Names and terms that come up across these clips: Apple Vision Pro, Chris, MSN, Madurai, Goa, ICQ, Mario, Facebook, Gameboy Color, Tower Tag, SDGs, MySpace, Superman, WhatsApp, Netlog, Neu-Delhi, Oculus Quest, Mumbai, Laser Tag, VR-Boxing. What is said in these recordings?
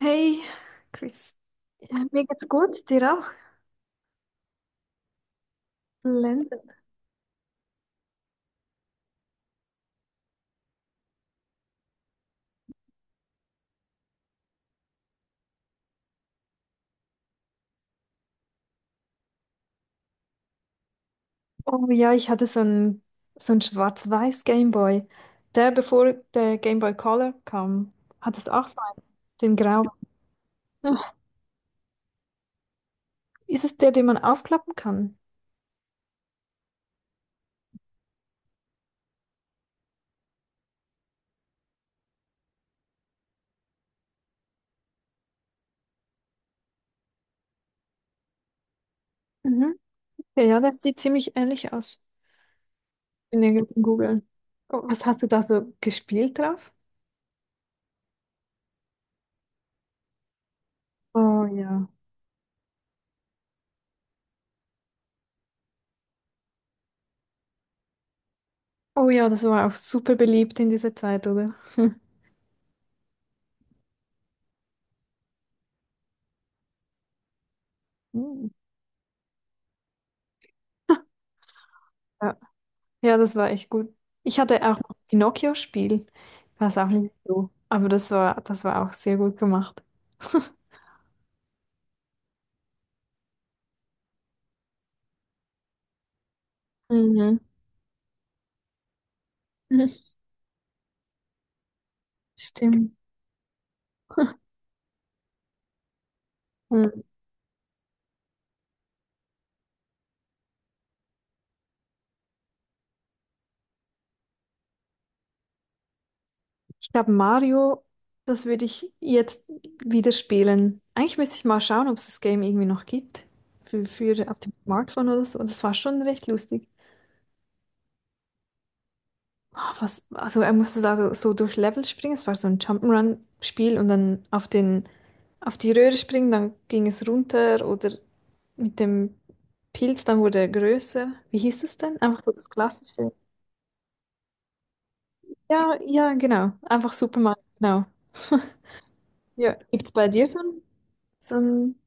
Hey, Chris. Ja, mir geht's gut, dir auch? Lenzen. Oh ja, ich hatte so ein schwarz-weiß Gameboy. Der, bevor der Gameboy Color kam, hat es auch so einen, den grau. Ist es der, den man aufklappen kann? Mhm. Ja, ja, der sieht ziemlich ähnlich aus. Bin irgendwie googeln. Oh, was hast du da so gespielt drauf? Oh ja. Oh ja, das war auch super beliebt in dieser Zeit, oder? Hm. Ja, ja, das war echt gut. Ich hatte auch noch ein Pinocchio-Spiel. Ich weiß auch nicht so. Aber das war auch sehr gut gemacht. Mhm. Mhm. Stimmt. Mhm. Ich glaube, Mario, das würde ich jetzt wieder spielen. Eigentlich müsste ich mal schauen, ob es das Game irgendwie noch gibt. Für auf dem Smartphone oder so. Das war schon recht lustig. Ah, was, also er musste da so durch Level springen. Es war so ein Jump'n'Run-Spiel und dann auf die Röhre springen, dann ging es runter oder mit dem Pilz, dann wurde er größer. Wie hieß es denn? Einfach so das klassische. Ja, ja, genau. Einfach Superman, genau. Ja. Gibt es bei dir so ein?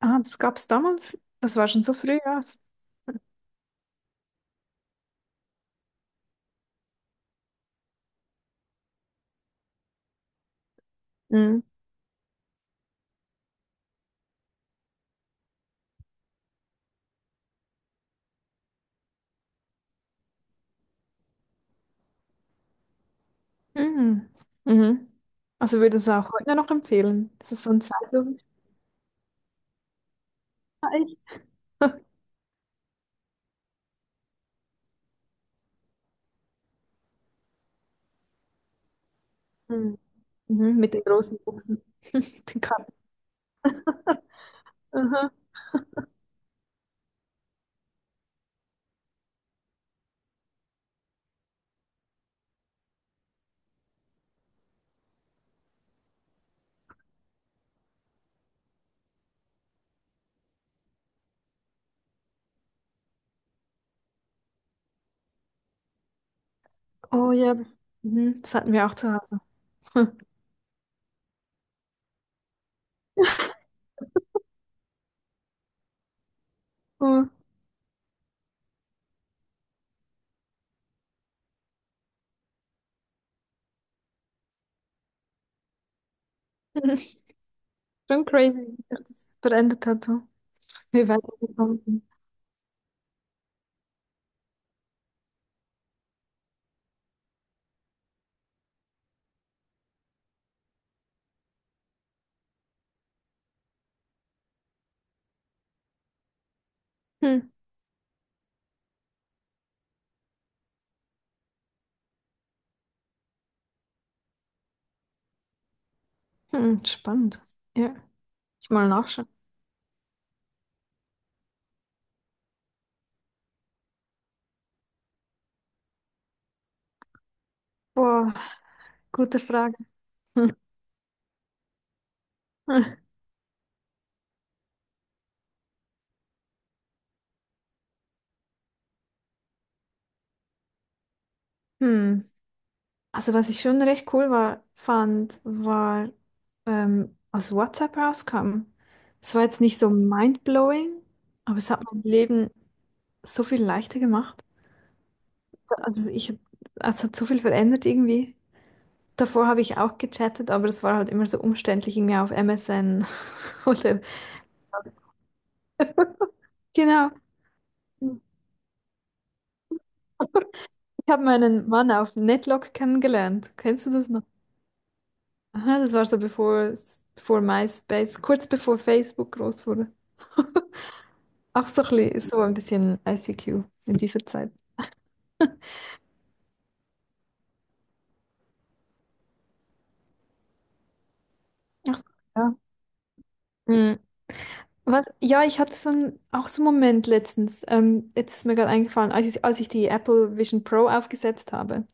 Ah, das gab es damals. Das war schon so früh, ja. Mhm. Mhm. Mhm. Also würdest du auch heute noch empfehlen? Das ist so ein zeitloses. Ah, echt? Mhm. Mhm. Mit den großen Buchsen, den Karten. Aha. Oh ja, das, mhm. Das hatten wir auch zu Hause. Oh. Schon crazy, dass das verändert hat, so. Wie weitergekommen sind. Hm. Hm, spannend. Ja, ich mal nachschauen. Boah, gute Frage. Hm. Hm. Also, was ich schon recht cool war, fand, war, als WhatsApp rauskam. Es war jetzt nicht so mindblowing, aber es hat mein Leben so viel leichter gemacht. Also, es hat so viel verändert irgendwie. Davor habe ich auch gechattet, aber es war halt immer so umständlich, irgendwie auf MSN oder. Genau. Ich habe meinen Mann auf Netlog kennengelernt. Kennst du das noch? Aha, das war so bevor, vor MySpace, kurz bevor Facebook groß wurde. Auch so ein bisschen ICQ in dieser Zeit. Ach so, ja. Mhm. Was? Ja, ich hatte so einen, auch so einen Moment letztens. Jetzt ist mir gerade eingefallen, als ich die Apple Vision Pro aufgesetzt habe.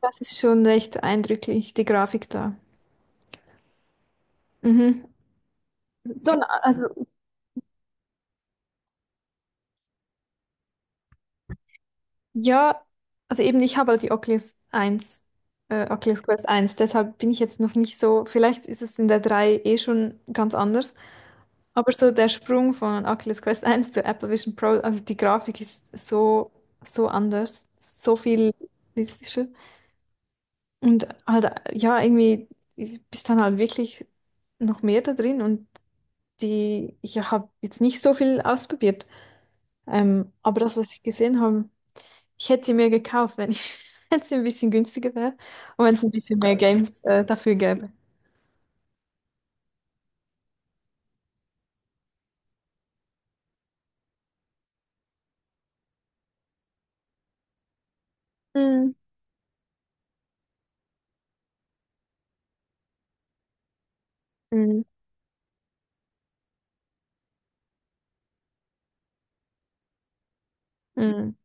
Das ist schon recht eindrücklich, die Grafik da. Mhm. So, also. Ja, also eben, ich habe halt die Oculus 1, Oculus Quest 1. Deshalb bin ich jetzt noch nicht so, vielleicht ist es in der 3 eh schon ganz anders, aber so der Sprung von Oculus Quest 1 zu Apple Vision Pro, also die Grafik ist so, so anders, so viel realistischer und halt, ja, irgendwie bist dann halt wirklich noch mehr da drin und ich habe jetzt nicht so viel ausprobiert, aber das, was ich gesehen habe, ich hätte sie mir gekauft, wenn ich, wenn sie ein bisschen günstiger wäre und wenn es ein bisschen mehr Games dafür gäbe. Mm, mm, mm,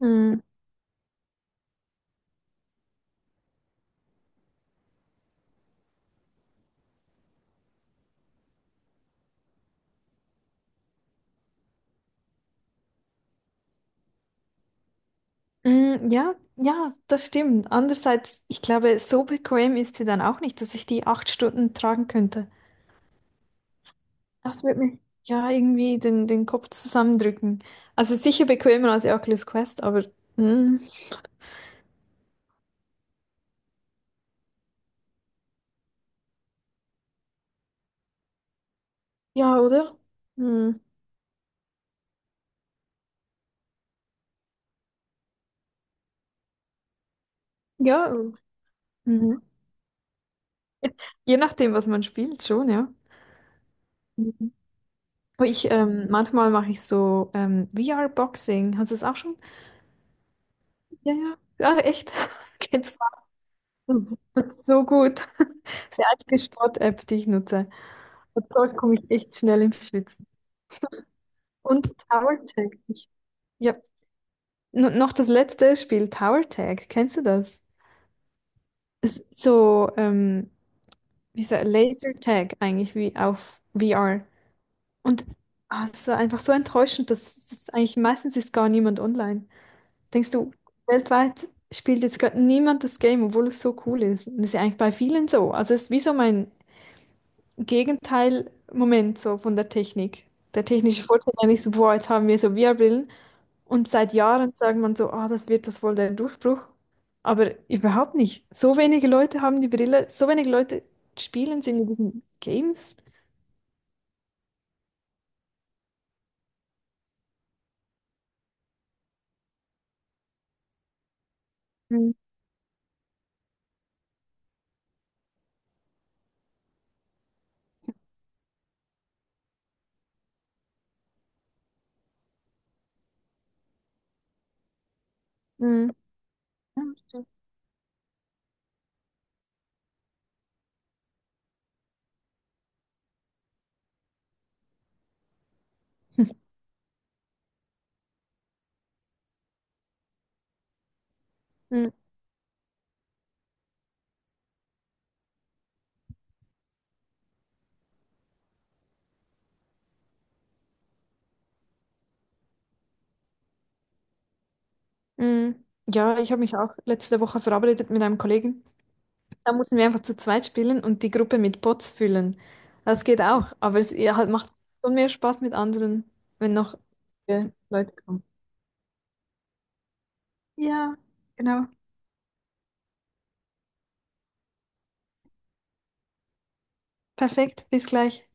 mm, mm, ja, ja, das stimmt. Andererseits, ich glaube, so bequem ist sie dann auch nicht, dass ich die 8 Stunden tragen könnte. Das wird mir ja irgendwie den Kopf zusammendrücken. Also sicher bequemer als die Oculus Quest, aber mm, ja, oder? Mm, ja, mhm. Je nachdem, was man spielt, schon, ja. Aber manchmal mache ich so VR-Boxing. Hast du es auch schon? Ja, ja. Ah, echt? Kennst so gut. Das ist die einzige Sport-App, die ich nutze. Und dort komme ich echt schnell ins Schwitzen. Und Tower Tag. Ja, N noch das letzte Spiel, Tower Tag. Kennst du das? Es ist so, wie sagt, Laser Tag eigentlich, wie auf VR. Und ah, es ist so einfach so enttäuschend, dass eigentlich meistens ist gar niemand online. Denkst du, weltweit spielt jetzt gerade niemand das Game, obwohl es so cool ist? Und das ist ja eigentlich bei vielen so. Also es ist wie so mein Gegenteil-Moment so von der Technik. Der technische Fortschritt ist eigentlich so, boah, jetzt haben wir so VR-Brillen. Und seit Jahren sagt man so, ah, das wird das wohl der Durchbruch. Aber überhaupt nicht. So wenige Leute haben die Brille, so wenige Leute spielen sie in diesen Games. Mhm. Mhm. Ja, stimmt. Mhm. Mhm. Ja, ich habe mich auch letzte Woche verabredet mit einem Kollegen. Da müssen wir einfach zu zweit spielen und die Gruppe mit Bots füllen. Das geht auch, aber es ihr halt macht schon mehr Spaß mit anderen, wenn noch Leute kommen. Ja, genau. Perfekt, bis gleich.